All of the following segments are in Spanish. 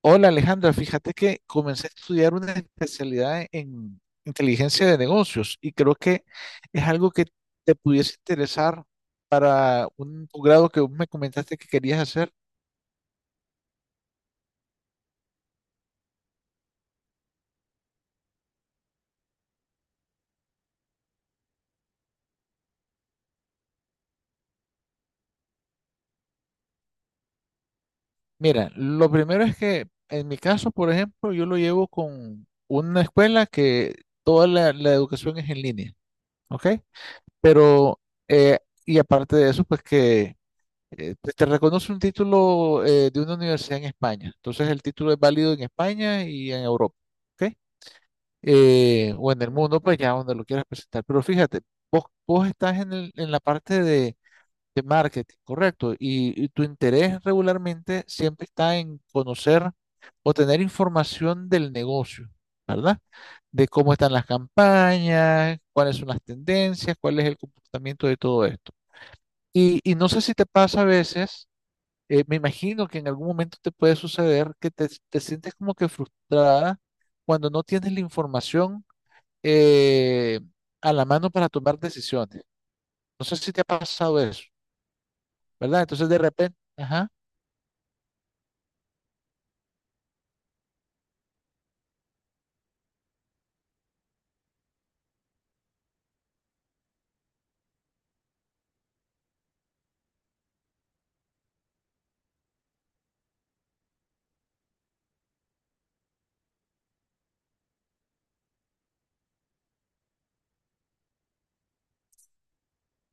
Hola Alejandra, fíjate que comencé a estudiar una especialidad en inteligencia de negocios y creo que es algo que te pudiese interesar para un grado que vos me comentaste que querías hacer. Mira, lo primero es que en mi caso, por ejemplo, yo lo llevo con una escuela que toda la educación es en línea, ¿ok? Pero, eh, y aparte de eso, pues que te reconoce un título de una universidad en España. Entonces el título es válido en España y en Europa, ¿ok? O en el mundo, pues ya donde lo quieras presentar. Pero fíjate, vos estás en la parte de marketing, correcto, y tu interés regularmente siempre está en conocer o tener información del negocio, ¿verdad? De cómo están las campañas, cuáles son las tendencias, cuál es el comportamiento de todo esto. Y no sé si te pasa a veces me imagino que en algún momento te puede suceder que te sientes como que frustrada cuando no tienes la información eh, a la mano para tomar decisiones. No sé si te ha pasado eso, ¿verdad? Entonces de repente, ajá,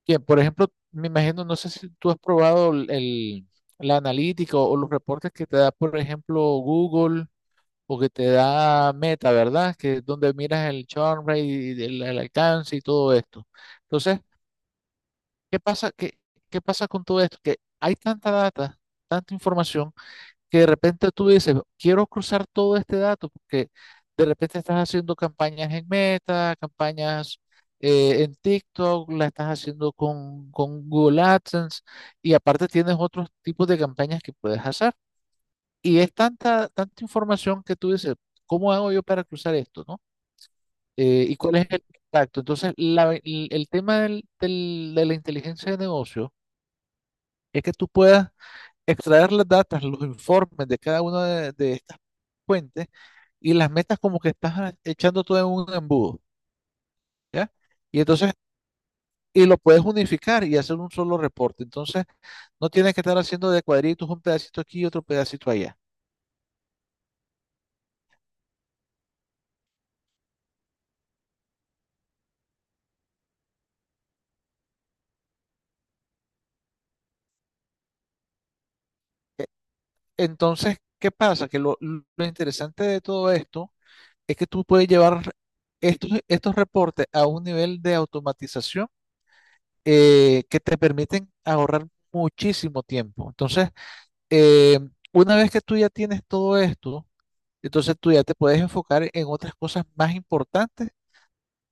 bien, por ejemplo, me imagino, no sé si tú has probado la analítica o los reportes que te da, por ejemplo, Google o que te da Meta, ¿verdad? Que es donde miras el churn rate, y el alcance y todo esto. Entonces, ¿qué pasa, qué pasa con todo esto? Que hay tanta data, tanta información, que de repente tú dices, quiero cruzar todo este dato, porque de repente estás haciendo campañas en Meta, campañas en TikTok, la estás haciendo con Google AdSense, y aparte tienes otros tipos de campañas que puedes hacer. Y es tanta, tanta información que tú dices, ¿cómo hago yo para cruzar esto, no? ¿Y cuál es el impacto? Entonces, el tema de la inteligencia de negocio es que tú puedas extraer las datas, los informes de cada una de estas fuentes y las metas como que estás echando todo en un embudo, ¿ya? Y entonces, y lo puedes unificar y hacer un solo reporte. Entonces, no tienes que estar haciendo de cuadritos un pedacito aquí y otro pedacito allá. Entonces, ¿qué pasa? Que lo interesante de todo esto es que tú puedes llevar estos reportes a un nivel de automatización que te permiten ahorrar muchísimo tiempo. Entonces, eh, una vez que tú ya tienes todo esto, entonces tú ya te puedes enfocar en otras cosas más importantes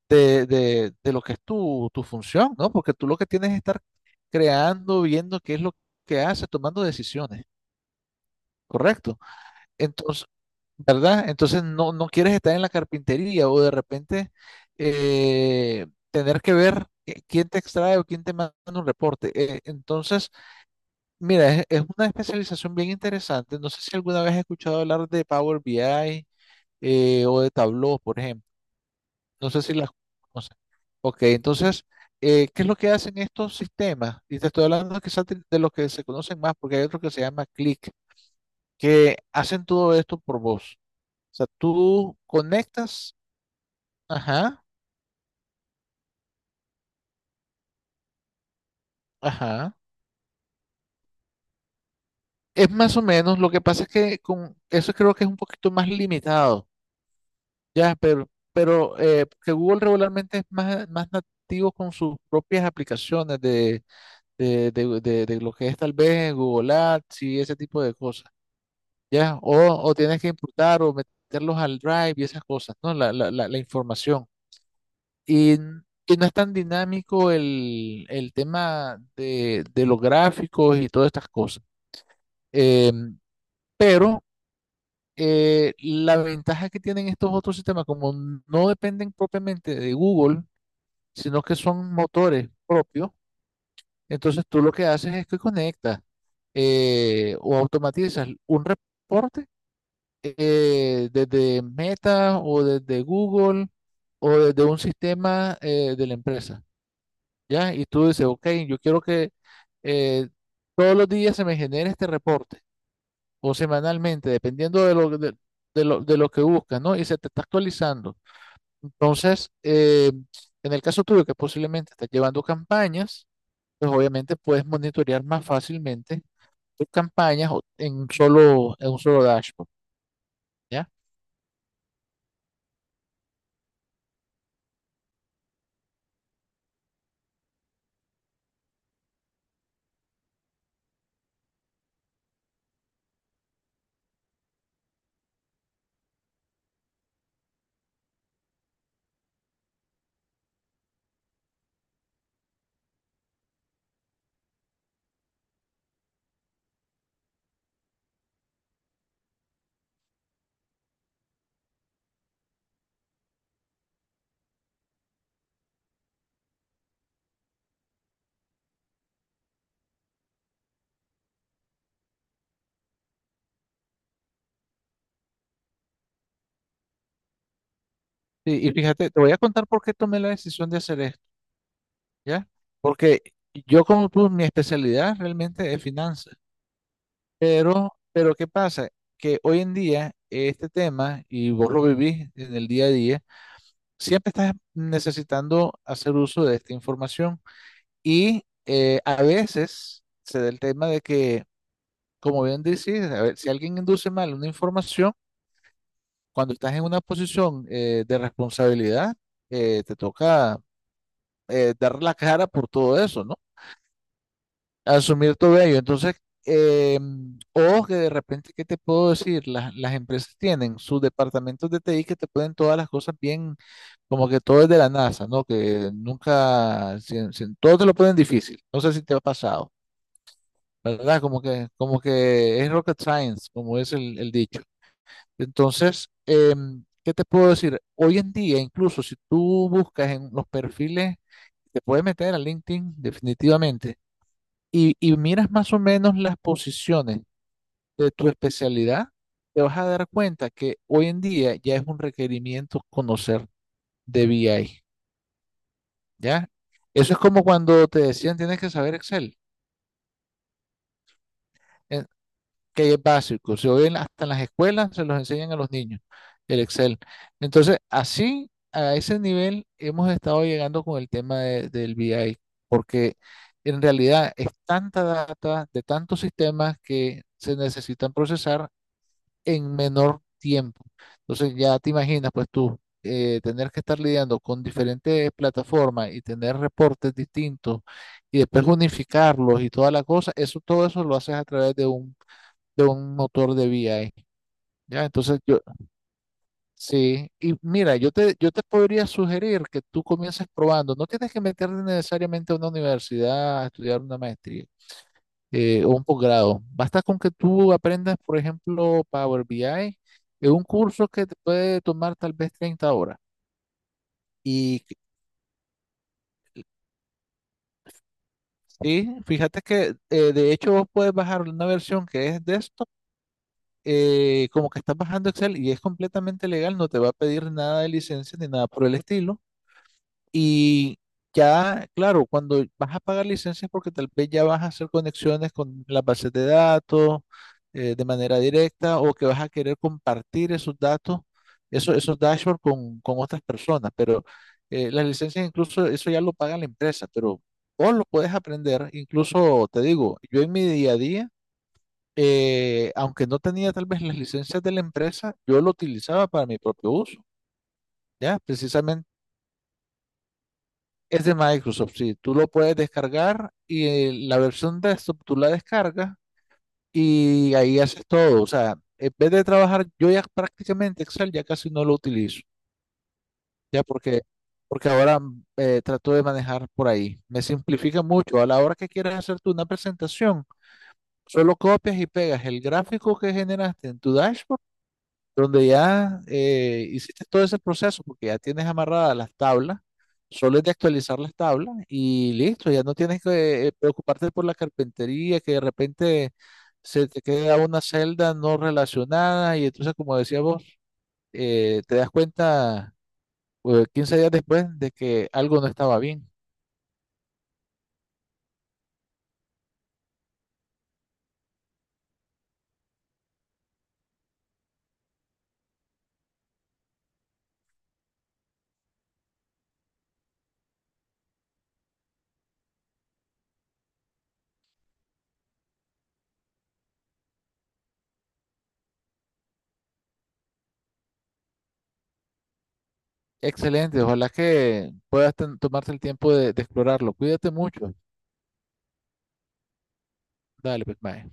de, de lo que es tu, tu función, ¿no? Porque tú lo que tienes es estar creando, viendo qué es lo que haces, tomando decisiones, ¿correcto? Entonces, ¿verdad? Entonces no, no quieres estar en la carpintería o de repente tener que ver quién te extrae o quién te manda un reporte. Entonces... Mira, es una especialización bien interesante. No sé si alguna vez has escuchado hablar de Power BI o de Tableau, por ejemplo. No sé si las conoces. Ok, entonces, ¿qué es lo que hacen estos sistemas? Y te estoy hablando quizás de los que se conocen más, porque hay otro que se llama Click, que hacen todo esto por voz. O sea, tú conectas, ajá, ajá. Es más o menos, lo que pasa es que con eso creo que es un poquito más limitado. Ya, pero que Google regularmente es más, más nativo con sus propias aplicaciones de, de lo que es tal vez Google Ads y ese tipo de cosas. Ya, o tienes que importar o meterlos al Drive y esas cosas, ¿no? La información. Y, y no es tan dinámico el tema de los gráficos y todas estas cosas. Em, pero la ventaja que tienen estos otros sistemas, como no dependen propiamente de Google, sino que son motores propios. Entonces tú lo que haces es que conectas o automatizas un reporte desde Meta o desde Google o desde un sistema de la empresa, ¿ya? Y tú dices, ok, yo quiero que eh, todos los días se me genere este reporte o semanalmente, dependiendo de lo que buscas, ¿no? Y se te está actualizando. Entonces, en el caso tuyo, que posiblemente estás llevando campañas, pues obviamente puedes monitorear más fácilmente tus campañas en un solo dashboard, ¿ya? Y fíjate, te voy a contar por qué tomé la decisión de hacer esto, ¿ya? Porque yo como tú, mi especialidad realmente es finanzas, pero ¿qué pasa? Que hoy en día este tema, y vos lo vivís en el día a día, siempre estás necesitando hacer uso de esta información y a veces se da el tema de que como bien decís, a ver, si alguien induce mal una información, cuando estás en una posición de responsabilidad, te toca dar la cara por todo eso, ¿no? Asumir todo ello. Entonces, eh, o que de repente, ¿qué te puedo decir? Las empresas tienen sus departamentos de TI que te ponen todas las cosas bien, como que todo es de la NASA, ¿no? Que nunca, todo te lo ponen difícil. No sé si te ha pasado, ¿verdad? Como que es rocket science, como es el dicho. Entonces, ¿qué te puedo decir? Hoy en día, incluso si tú buscas en los perfiles, te puedes meter a LinkedIn definitivamente y miras más o menos las posiciones de tu especialidad, te vas a dar cuenta que hoy en día ya es un requerimiento conocer de BI, ¿ya? Eso es como cuando te decían tienes que saber Excel. Eh, que es básico. Se oyen hasta en las escuelas, se los enseñan a los niños, el Excel. Entonces, así, a ese nivel, hemos estado llegando con el tema del BI, porque en realidad es tanta data de tantos sistemas que se necesitan procesar en menor tiempo. Entonces, ya te imaginas, pues tú. Tener que estar lidiando con diferentes plataformas y tener reportes distintos y después unificarlos y toda la cosa, eso, todo eso lo haces a través de un motor de VI. ¿Ya? Entonces yo, sí, y mira, yo te podría sugerir que tú comiences probando. No tienes que meterte necesariamente a una universidad a estudiar una maestría o un posgrado. Basta con que tú aprendas, por ejemplo, Power BI, es un curso que te puede tomar tal vez 30 horas. Y que- sí, fíjate que de hecho vos puedes bajar una versión que es de esto como que estás bajando Excel y es completamente legal, no te va a pedir nada de licencia ni nada por el estilo. Y ya, claro, cuando vas a pagar licencias porque tal vez ya vas a hacer conexiones con las bases de datos de manera directa o que vas a querer compartir esos datos, esos dashboards con otras personas. Pero las licencias incluso eso ya lo paga la empresa, pero vos lo puedes aprender. Incluso te digo, yo en mi día a día, aunque no tenía tal vez las licencias de la empresa, yo lo utilizaba para mi propio uso. Ya, precisamente es de Microsoft, sí. Tú lo puedes descargar y la versión desktop tú la descargas y ahí haces todo. O sea, en vez de trabajar, yo ya prácticamente Excel ya casi no lo utilizo, ya porque, porque ahora trato de manejar por ahí. Me simplifica mucho. A la hora que quieras hacer tú una presentación, solo copias y pegas el gráfico que generaste en tu dashboard donde ya hiciste todo ese proceso porque ya tienes amarradas las tablas, solo es de actualizar las tablas y listo, ya no tienes que preocuparte por la carpintería, que de repente se te queda una celda no relacionada y entonces, como decía vos, te das cuenta 15 días después de que algo no estaba bien. Excelente, ojalá que puedas tomarte el tiempo de explorarlo. Cuídate mucho. Dale, pues, mae.